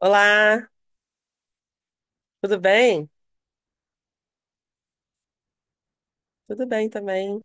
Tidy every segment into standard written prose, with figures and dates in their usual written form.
Olá, tudo bem? Tudo bem também.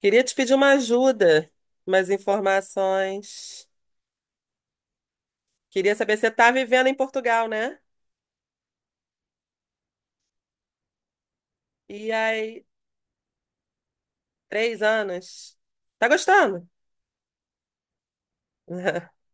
Queria te pedir uma ajuda, umas informações. Queria saber se você tá vivendo em Portugal, né? E aí, 3 anos. Tá gostando?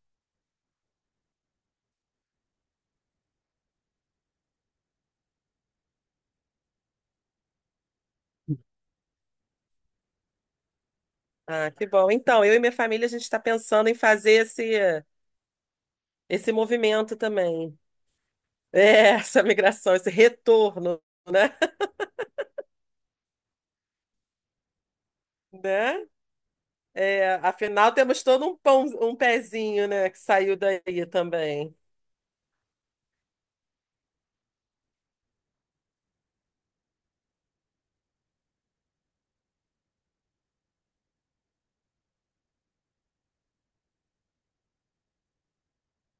Ah, que bom. Então, eu e minha família, a gente está pensando em fazer esse movimento também. É, essa migração, esse retorno, né? Né? É, afinal, temos todo um pão, um pezinho, né, que saiu daí também.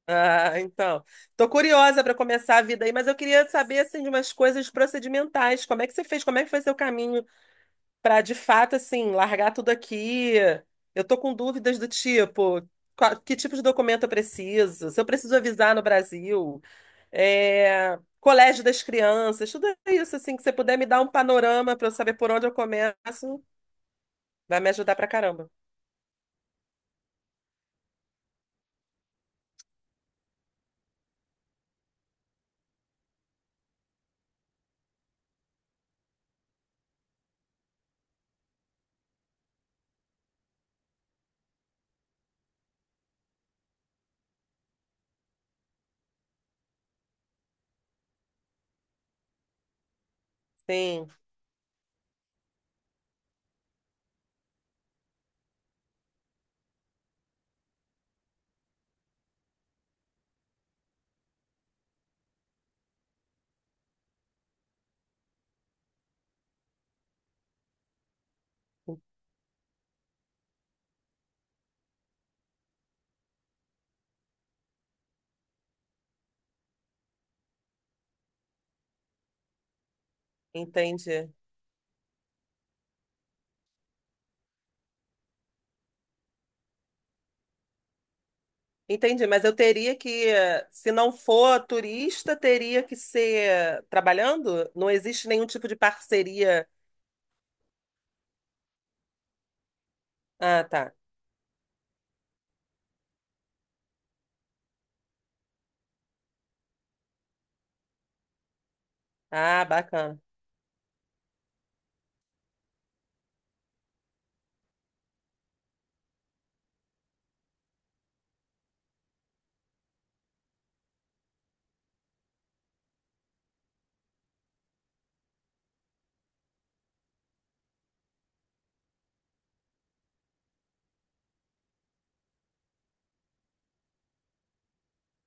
Ah, então. Tô curiosa para começar a vida aí, mas eu queria saber assim de umas coisas procedimentais. Como é que você fez? Como é que foi seu caminho para de fato, assim, largar tudo aqui. Eu tô com dúvidas do tipo, que tipo de documento eu preciso? Se eu preciso avisar no Brasil, é, colégio das crianças, tudo isso, assim, que você puder me dar um panorama para eu saber por onde eu começo, vai me ajudar pra caramba. Sim, entendi. Entendi, mas se não for turista, teria que ser trabalhando? Não existe nenhum tipo de parceria. Ah, tá. Ah, bacana.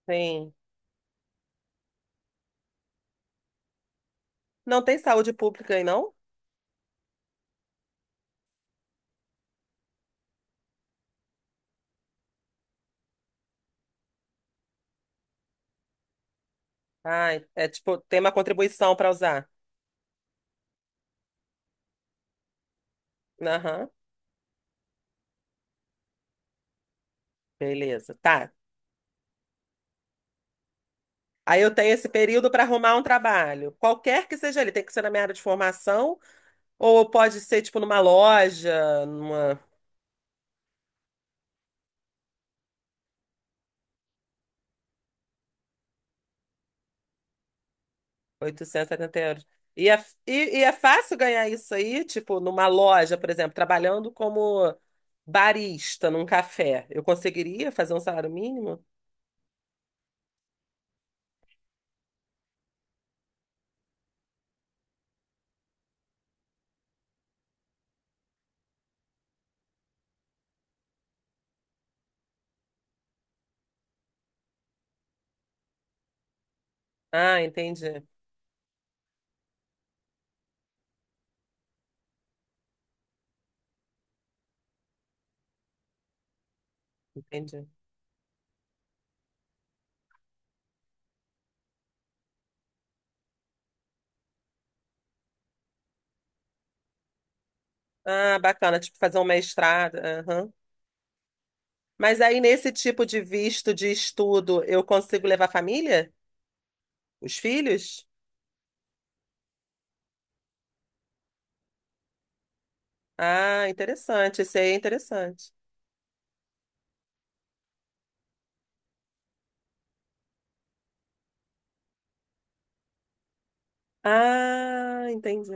Sim. Não tem saúde pública aí, não? Ai, é tipo, tem uma contribuição para usar. Aham, beleza. Tá. Aí eu tenho esse período para arrumar um trabalho. Qualquer que seja ele, tem que ser na minha área de formação, ou pode ser, tipo, numa loja, numa 870 euros. E é, e é fácil ganhar isso aí, tipo, numa loja, por exemplo, trabalhando como barista num café. Eu conseguiria fazer um salário mínimo? Ah, entendi. Entendi. Ah, bacana, tipo, fazer um mestrado. Mas aí, nesse tipo de visto de estudo, eu consigo levar a família? Os filhos? Ah, interessante. Esse aí é interessante. Ah, entendi.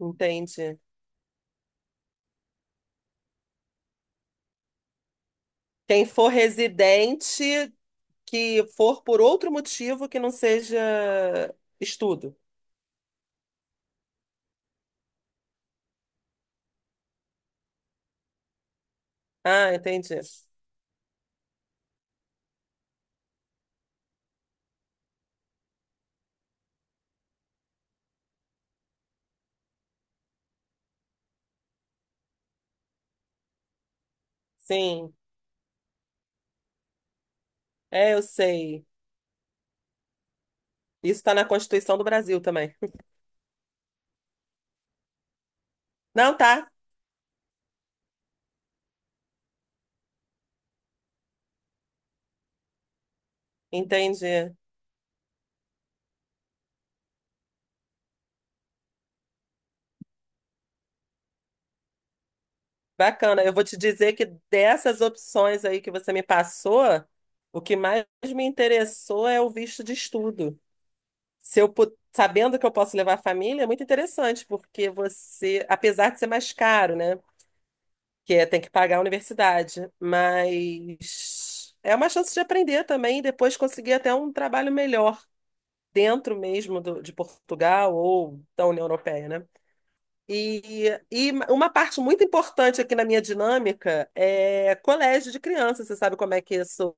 Entendi. Quem for residente que for por outro motivo que não seja estudo. Ah, entendi. Sim. É, eu sei. Isso está na Constituição do Brasil também. Não, tá. Entendi. Bacana. Eu vou te dizer que dessas opções aí que você me passou, o que mais me interessou é o visto de estudo. Se eu pu- Sabendo que eu posso levar a família, é muito interessante, porque você, apesar de ser mais caro, né? Que é, tem que pagar a universidade, mas é uma chance de aprender também e depois conseguir até um trabalho melhor dentro mesmo de Portugal ou da União Europeia, né? E uma parte muito importante aqui na minha dinâmica é colégio de criança. Você sabe como é que isso?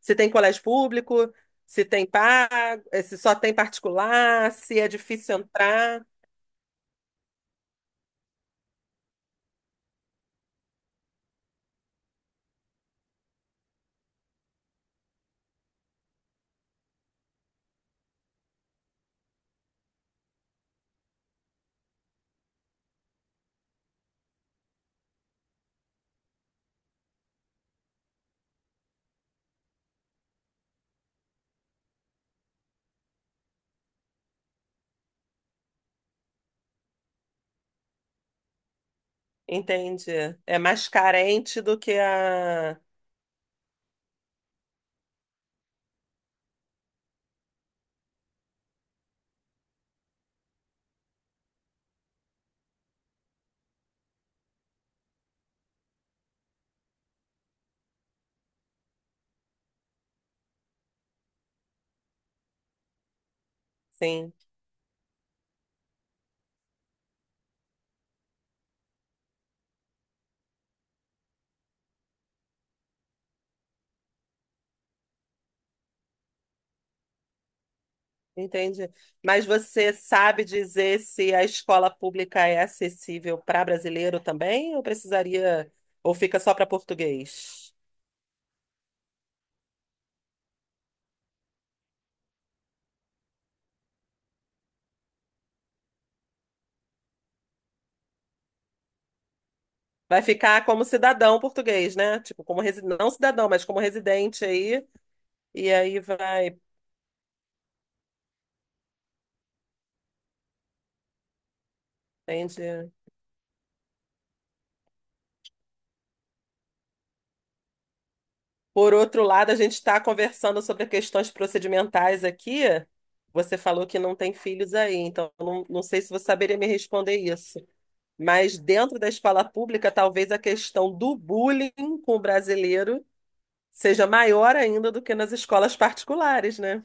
Se tem colégio público, se tem pago, se só tem particular, se é difícil entrar, entende? É mais carente do que a. Sim, entende? Mas você sabe dizer se a escola pública é acessível para brasileiro também, ou precisaria, ou fica só para português? Vai ficar como cidadão português, né? Tipo, como resi... não cidadão, mas como residente aí. E aí vai, entende? Por outro lado, a gente está conversando sobre questões procedimentais aqui. Você falou que não tem filhos aí, então eu não sei se você saberia me responder isso. Mas dentro da escola pública, talvez a questão do bullying com o brasileiro seja maior ainda do que nas escolas particulares, né?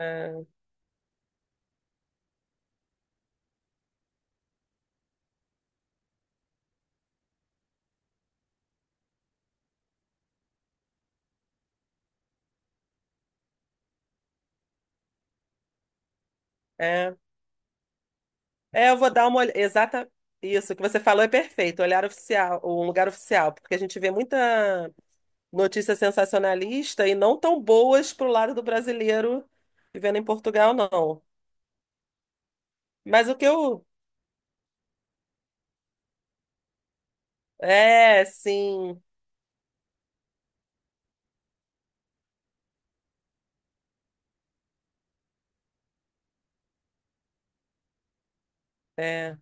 É, é É, eu vou dar uma olhada. Exata. Isso, que você falou é perfeito. Olhar oficial, um lugar oficial, porque a gente vê muita notícia sensacionalista e não tão boas pro lado do brasileiro vivendo em Portugal, não. Mas o que eu. É, sim. É.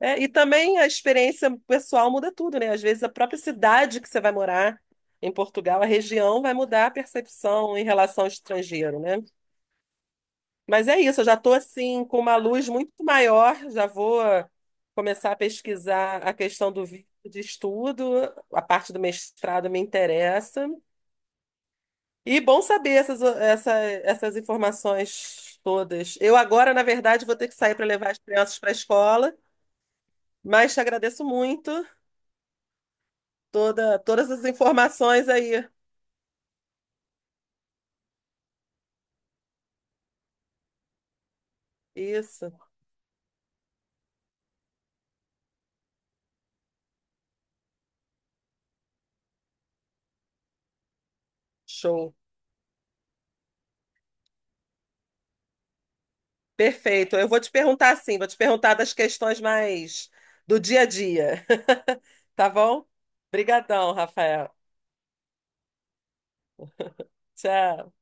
É, e também a experiência pessoal muda tudo, né? Às vezes a própria cidade que você vai morar em Portugal, a região, vai mudar a percepção em relação ao estrangeiro, né? Mas é isso, eu já estou assim com uma luz muito maior, já vou começar a pesquisar a questão do vídeo de estudo, a parte do mestrado me interessa. E bom saber essas informações todas. Eu agora, na verdade, vou ter que sair para levar as crianças para a escola, mas te agradeço muito todas as informações aí. Isso, show. Perfeito. Eu vou te perguntar assim, vou te perguntar das questões mais do dia a dia. Tá bom? Obrigadão, Rafael. Tchau.